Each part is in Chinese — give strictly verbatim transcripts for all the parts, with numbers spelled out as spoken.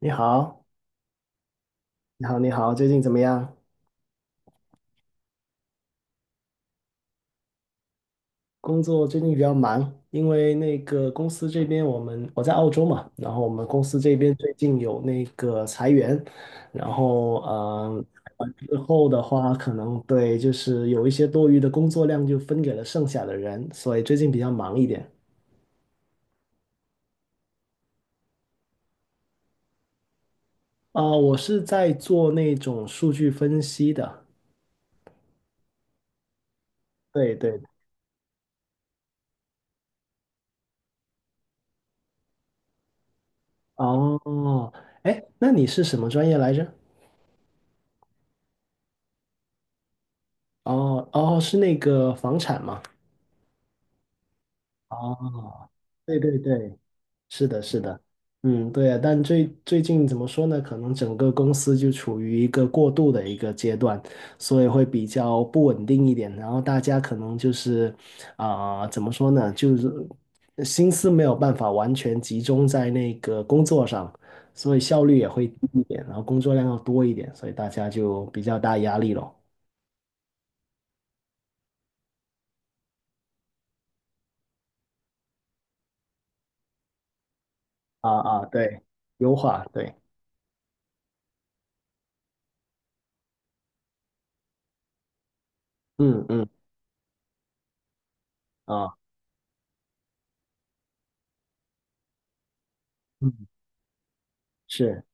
你好，你好，你好，最近怎么样？工作最近比较忙，因为那个公司这边我们我在澳洲嘛，然后我们公司这边最近有那个裁员，然后嗯，裁完之后的话，可能对就是有一些多余的工作量就分给了剩下的人，所以最近比较忙一点。啊、我是在做那种数据分析的，对对，哦，哎，那你是什么专业来着？哦哦，是那个房产吗？哦，对对对，是的，是的，嗯，对啊，但最最近怎么说呢？可能整个公司就处于一个过渡的一个阶段，所以会比较不稳定一点。然后大家可能就是，啊、怎么说呢？就是心思没有办法完全集中在那个工作上，所以效率也会低一点，然后工作量要多一点，所以大家就比较大压力咯。啊啊，对，优化，对，嗯嗯啊，嗯，是。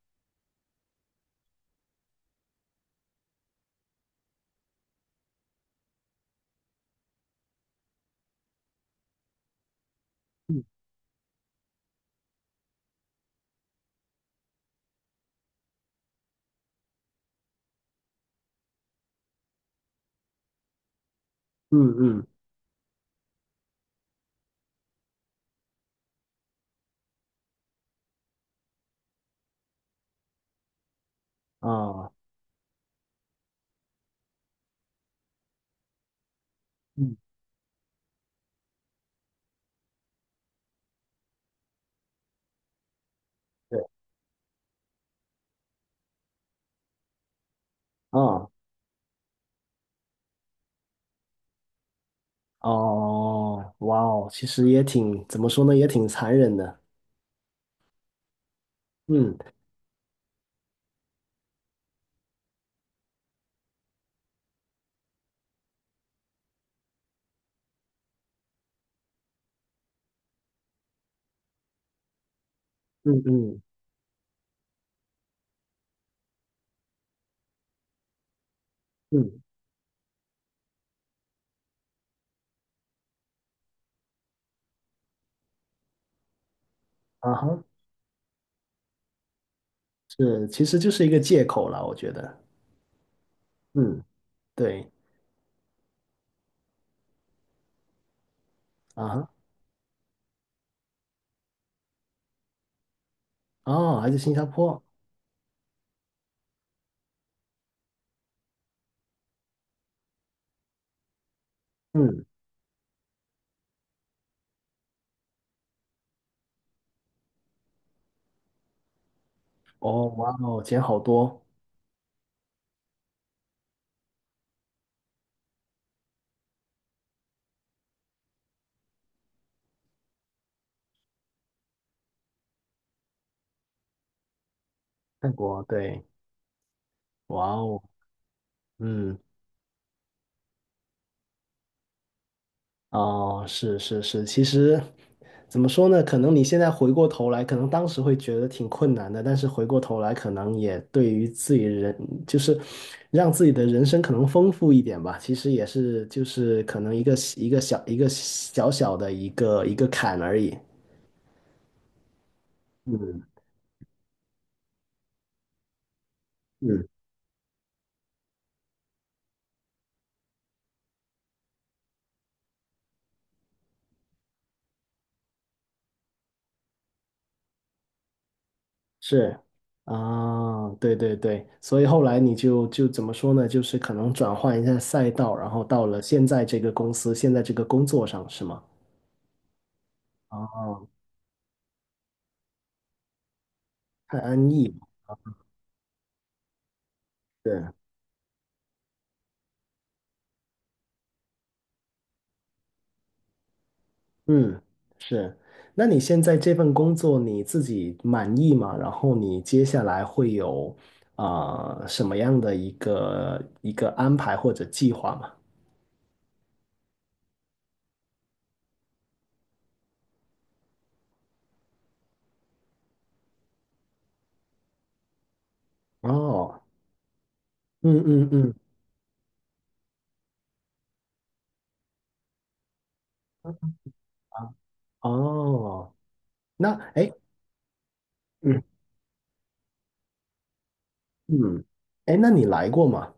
嗯嗯嗯，啊，嗯，对，啊，哦，哇哦，其实也挺，怎么说呢，也挺残忍的。嗯嗯嗯嗯，啊哈，是，其实就是一个借口了，我觉得。嗯，对，啊哈，哦，还是新加坡。嗯，哦，哇哦，钱好多，泰国，对，哇哦，嗯。哦，是是是，其实怎么说呢？可能你现在回过头来，可能当时会觉得挺困难的，但是回过头来，可能也对于自己人，就是让自己的人生可能丰富一点吧。其实也是，就是可能一个一个小一个小小的一个一个坎而已。嗯嗯，是啊，对对对，所以后来你就就怎么说呢？就是可能转换一下赛道，然后到了现在这个公司，现在这个工作上，是吗？哦太安逸对，是嗯，是。那你现在这份工作你自己满意吗？然后你接下来会有啊什么样的一个一个安排或者计划吗？哦，嗯嗯嗯，啊哦，那哎，诶嗯嗯，哎，那你来过吗？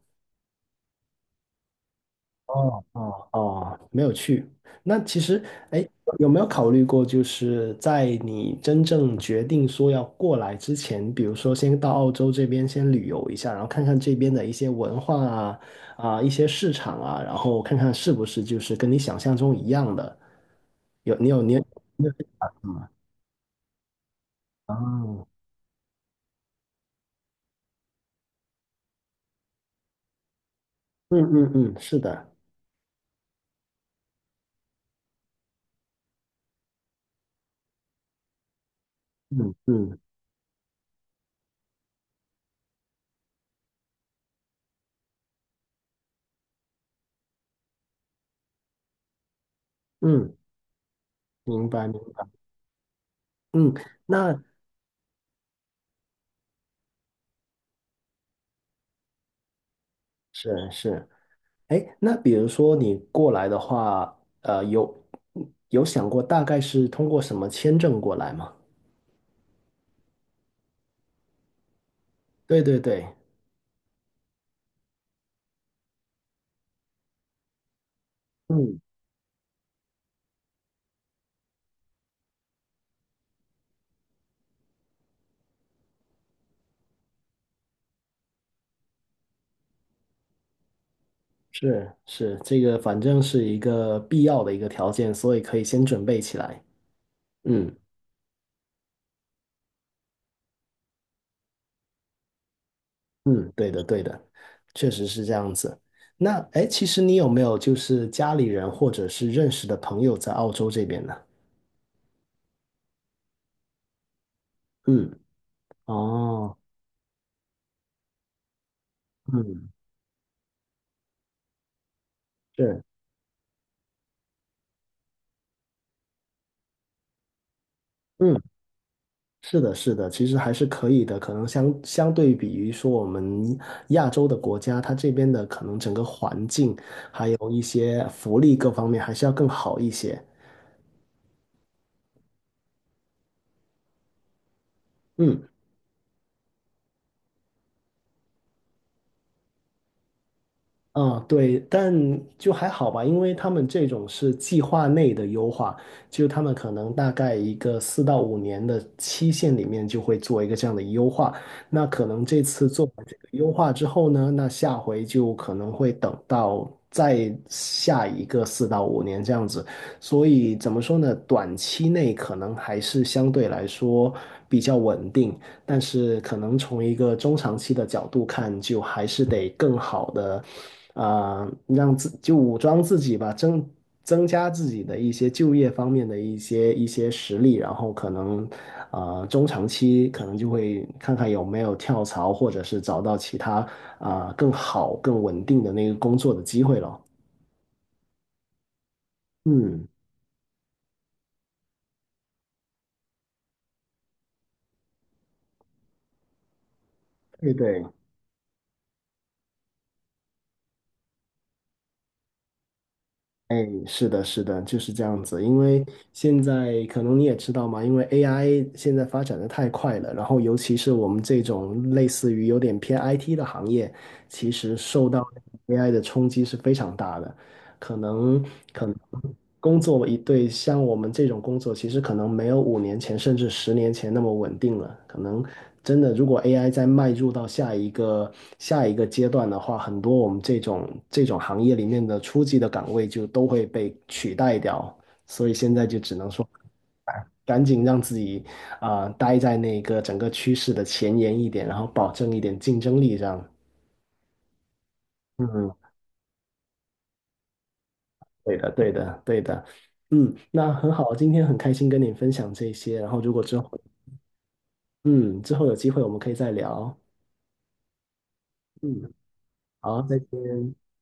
哦哦哦，没有去。那其实，哎，有没有考虑过，就是在你真正决定说要过来之前，比如说先到澳洲这边先旅游一下，然后看看这边的一些文化啊啊、一些市场啊，然后看看是不是就是跟你想象中一样的。有你啊，哦嗯嗯嗯，是的，嗯嗯嗯，明白明白，嗯，那是是。哎，那比如说你过来的话，呃，有有想过大概是通过什么签证过来吗？对对对，嗯，是是，这个反正是一个必要的一个条件，所以可以先准备起来。嗯嗯，对的对的，确实是这样子。那哎，诶其实你有没有就是家里人或者是认识的朋友在澳洲这边呢？嗯，哦，嗯，对，嗯。是的，是的，其实还是可以的。可能相相对比于说我们亚洲的国家，它这边的可能整个环境，还有一些福利各方面，还是要更好一些。嗯。嗯，对，但就还好吧，因为他们这种是计划内的优化，就他们可能大概一个四到五年的期限里面就会做一个这样的优化。那可能这次做完这个优化之后呢，那下回就可能会等到再下一个四到五年这样子。所以怎么说呢，短期内可能还是相对来说比较稳定。但是可能从一个中长期的角度看，就还是得更好的，啊、让自就武装自己吧，增增加自己的一些就业方面的一些一些实力，然后可能，呃，中长期可能就会看看有没有跳槽，或者是找到其他啊、更好、更稳定的那个工作的机会了。嗯，对对。哎，是的，是的，就是这样子。因为现在可能你也知道嘛，因为 A I 现在发展的太快了，然后尤其是我们这种类似于有点偏 I T 的行业，其实受嗯到 A I 的冲击是非常大的。可能可能工作一对像我们这种工作，其实可能没有五年前甚至十年前那么稳定了。可能真的，如果 A I 再迈入到下一个下一个阶段的话，很多我们这种这种行业里面的初级的岗位就都会被取代掉。所以现在就只能说，赶紧让自己啊、待在那个整个趋势的前沿一点，然后保证一点竞争力这样。嗯对的，对的，对的，嗯，那很好，今天很开心跟你分享这些，然后如果之后，嗯，之后有机会我们可以再聊，嗯，好，再见。